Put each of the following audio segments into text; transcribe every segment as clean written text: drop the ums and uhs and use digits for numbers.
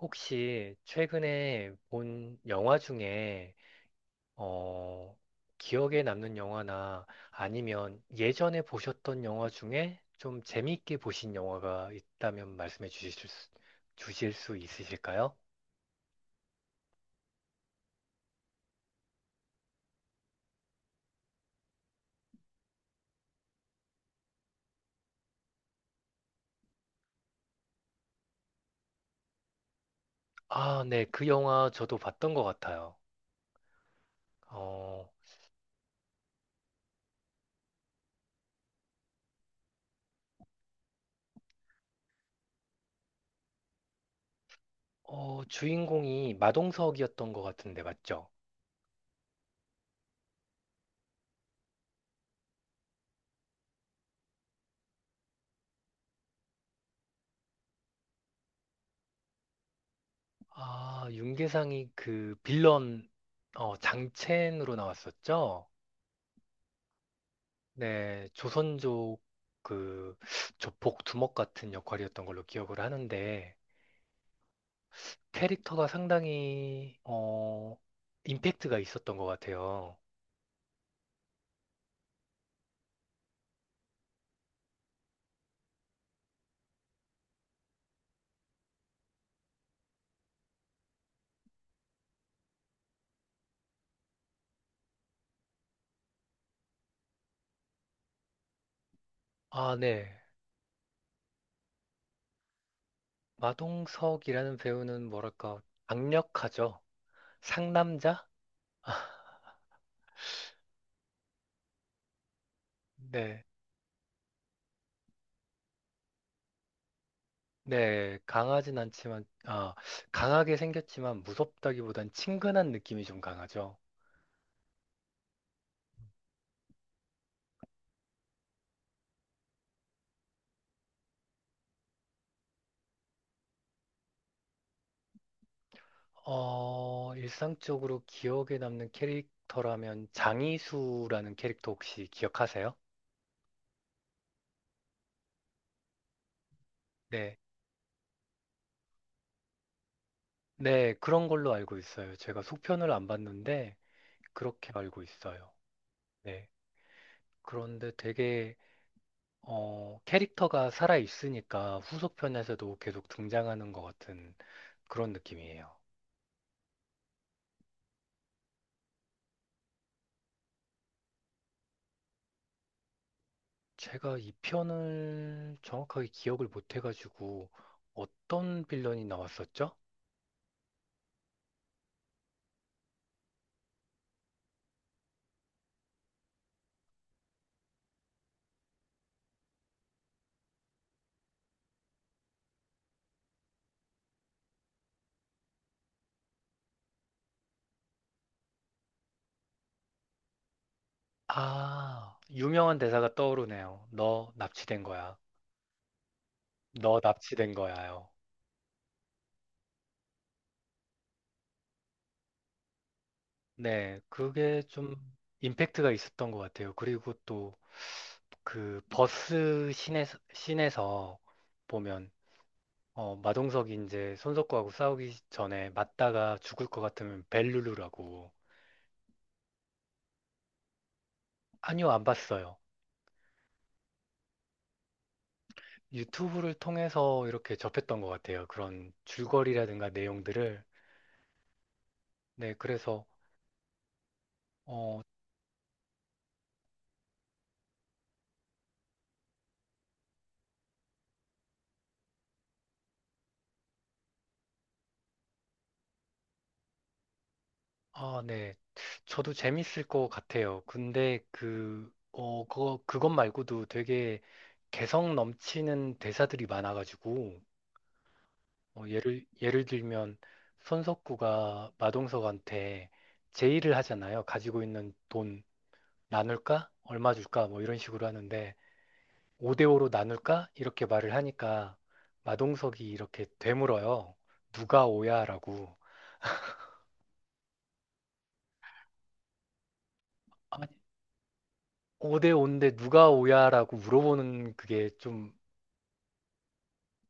혹시 최근에 본 영화 중에 어, 기억에 남는 영화나 아니면 예전에 보셨던 영화 중에 좀 재미있게 보신 영화가 있다면 말씀해 주실 수, 주실 수 있으실까요? 아, 네. 그 영화 저도 봤던 것 같아요. 어, 주인공이 마동석이었던 것 같은데 맞죠? 아, 윤계상이 그 빌런 장첸으로 나왔었죠? 네, 조선족 그 조폭 두목 같은 역할이었던 걸로 기억을 하는데 캐릭터가 상당히 임팩트가 있었던 것 같아요. 아, 네. 마동석이라는 배우는 뭐랄까 강력하죠. 상남자? 네. 네, 강하진 않지만 강하게 생겼지만 무섭다기보단 친근한 느낌이 좀 강하죠. 어, 일상적으로 기억에 남는 캐릭터라면 장이수라는 캐릭터 혹시 기억하세요? 네. 네, 그런 걸로 알고 있어요. 제가 속편을 안 봤는데 그렇게 알고 있어요. 네. 그런데 되게 캐릭터가 살아 있으니까 후속편에서도 계속 등장하는 것 같은 그런 느낌이에요. 제가 이 편을 정확하게 기억을 못 해가지고 어떤 빌런이 나왔었죠? 아, 유명한 대사가 떠오르네요. 너 납치된 거야. 너 납치된 거야요. 네, 그게 좀 임팩트가 있었던 것 같아요. 그리고 또 그 버스 씬에서 보면 어, 마동석이 이제 손석구하고 싸우기 전에 맞다가 죽을 것 같으면 벨루루라고. 아니요, 안 봤어요. 유튜브를 통해서 이렇게 접했던 것 같아요. 그런 줄거리라든가 내용들을. 네, 그래서 어, 아, 네. 저도 재밌을 것 같아요. 근데 그것 말고도 되게 개성 넘치는 대사들이 많아가지고, 어, 예를 들면, 손석구가 마동석한테 제의를 하잖아요. 가지고 있는 돈 나눌까? 얼마 줄까? 뭐 이런 식으로 하는데, 5대5로 나눌까? 이렇게 말을 하니까, 마동석이 이렇게 되물어요. 누가 오야? 라고. 아니, 5대5인데 누가 오야? 라고 물어보는 그게 좀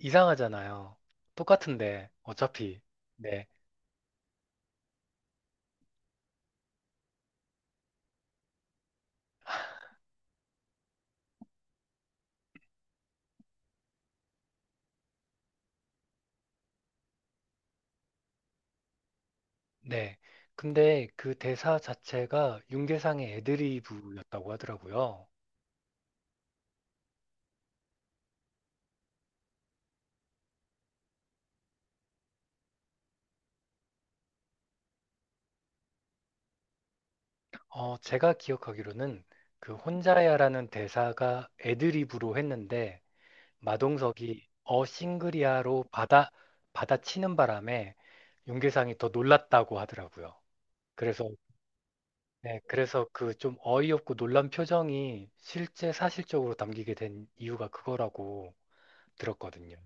이상하잖아요. 똑같은데, 어차피. 네, 네. 근데 그 대사 자체가 윤계상의 애드리브였다고 하더라고요. 어, 제가 기억하기로는 그 혼자야라는 대사가 애드리브로 했는데, 마동석이 어 싱글이야로 받아, 받아치는 바람에 윤계상이 더 놀랐다고 하더라고요. 그래서, 네, 그래서 그 좀 어이없고 놀란 표정이 실제 사실적으로 담기게 된 이유가 그거라고 들었거든요.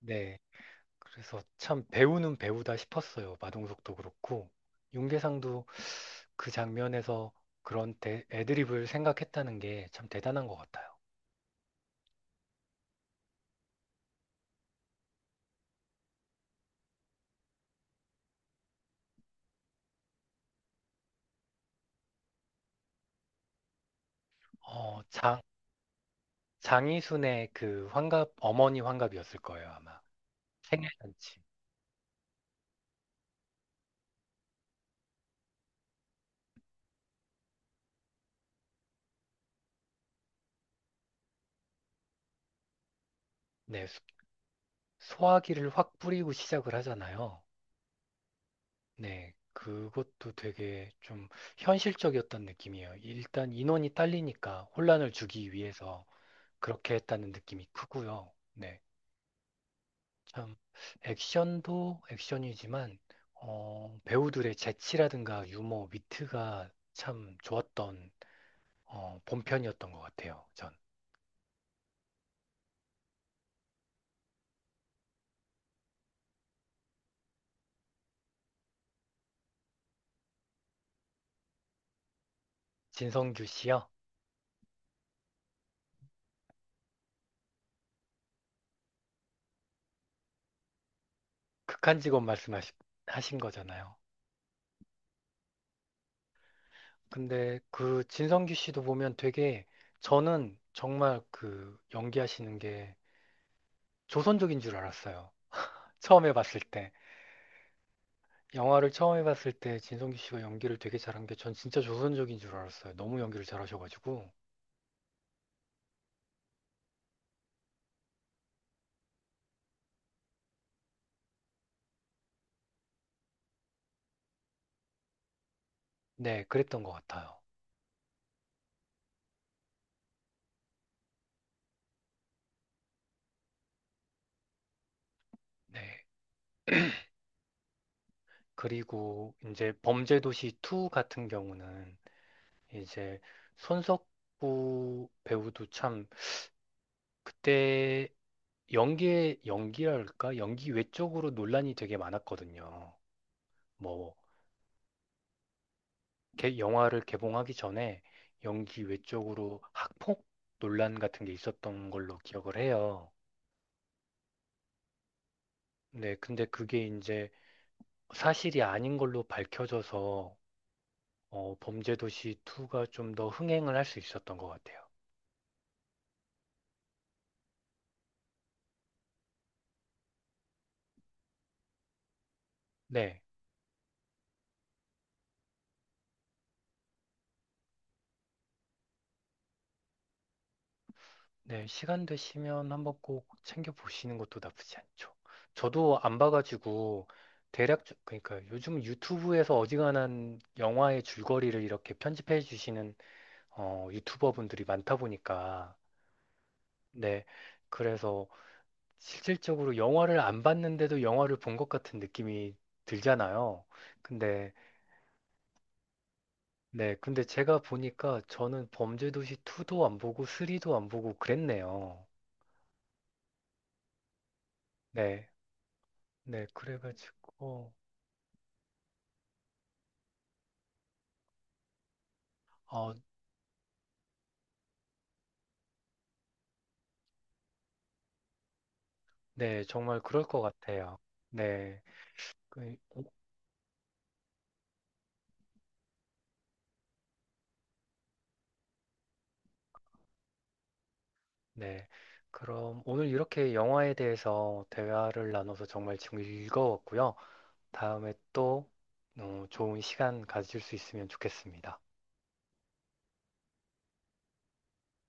네. 그래서 참 배우는 배우다 싶었어요. 마동석도 그렇고 윤계상도 그 장면에서 그런 애드립을 생각했다는 게 참 대단한 것 같아요. 어, 장 장이순의 그 환갑 어머니 환갑이었을 거예요, 아마. 생일잔치. 네. 소화기를 확 뿌리고 시작을 하잖아요. 네. 그것도 되게 좀 현실적이었던 느낌이에요. 일단 인원이 딸리니까 혼란을 주기 위해서 그렇게 했다는 느낌이 크고요. 네. 참 액션도 액션이지만 어, 배우들의 재치라든가 유머, 위트가 참 좋았던 어, 본편이었던 것 같아요. 전 진성규 씨요. 극한 직업 말씀하신 거잖아요. 근데 그 진성규 씨도 보면 되게 저는 정말 그 연기하시는 게 조선족인 줄 알았어요. 처음에 봤을 때 영화를 처음에 봤을 때 진성규 씨가 연기를 되게 잘한 게 전 진짜 조선족인 줄 알았어요. 너무 연기를 잘하셔가지고. 네, 그랬던 것 같아요. 네. 그리고 이제 범죄도시 2 같은 경우는 이제 손석구 배우도 참 그때 연기의 연기랄까? 연기 외적으로 논란이 되게 많았거든요. 뭐, 영화를 개봉하기 전에 연기 외적으로 학폭 논란 같은 게 있었던 걸로 기억을 해요. 네, 근데 그게 이제 사실이 아닌 걸로 밝혀져서 어, 범죄도시 2가 좀 더 흥행을 할 수 있었던 것 같아요. 네, 네, 시간 되시면 한번 꼭 챙겨 보시는 것도 나쁘지 않죠. 저도 안 봐가지고 대략 그러니까 요즘 유튜브에서 어지간한 영화의 줄거리를 이렇게 편집해 주시는 어, 유튜버분들이 많다 보니까 네, 그래서 실질적으로 영화를 안 봤는데도 영화를 본 것 같은 느낌이 들잖아요. 근데 네, 근데 제가 보니까 저는 범죄도시 2도 안 보고 3도 안 보고 그랬네요. 네, 네, 그래가지고, 어, 네, 정말 그럴 것 같아요. 네, 그, 네. 그럼 오늘 이렇게 영화에 대해서 대화를 나눠서 정말 즐거웠고요. 다음에 또 어, 좋은 시간 가질 수 있으면 좋겠습니다.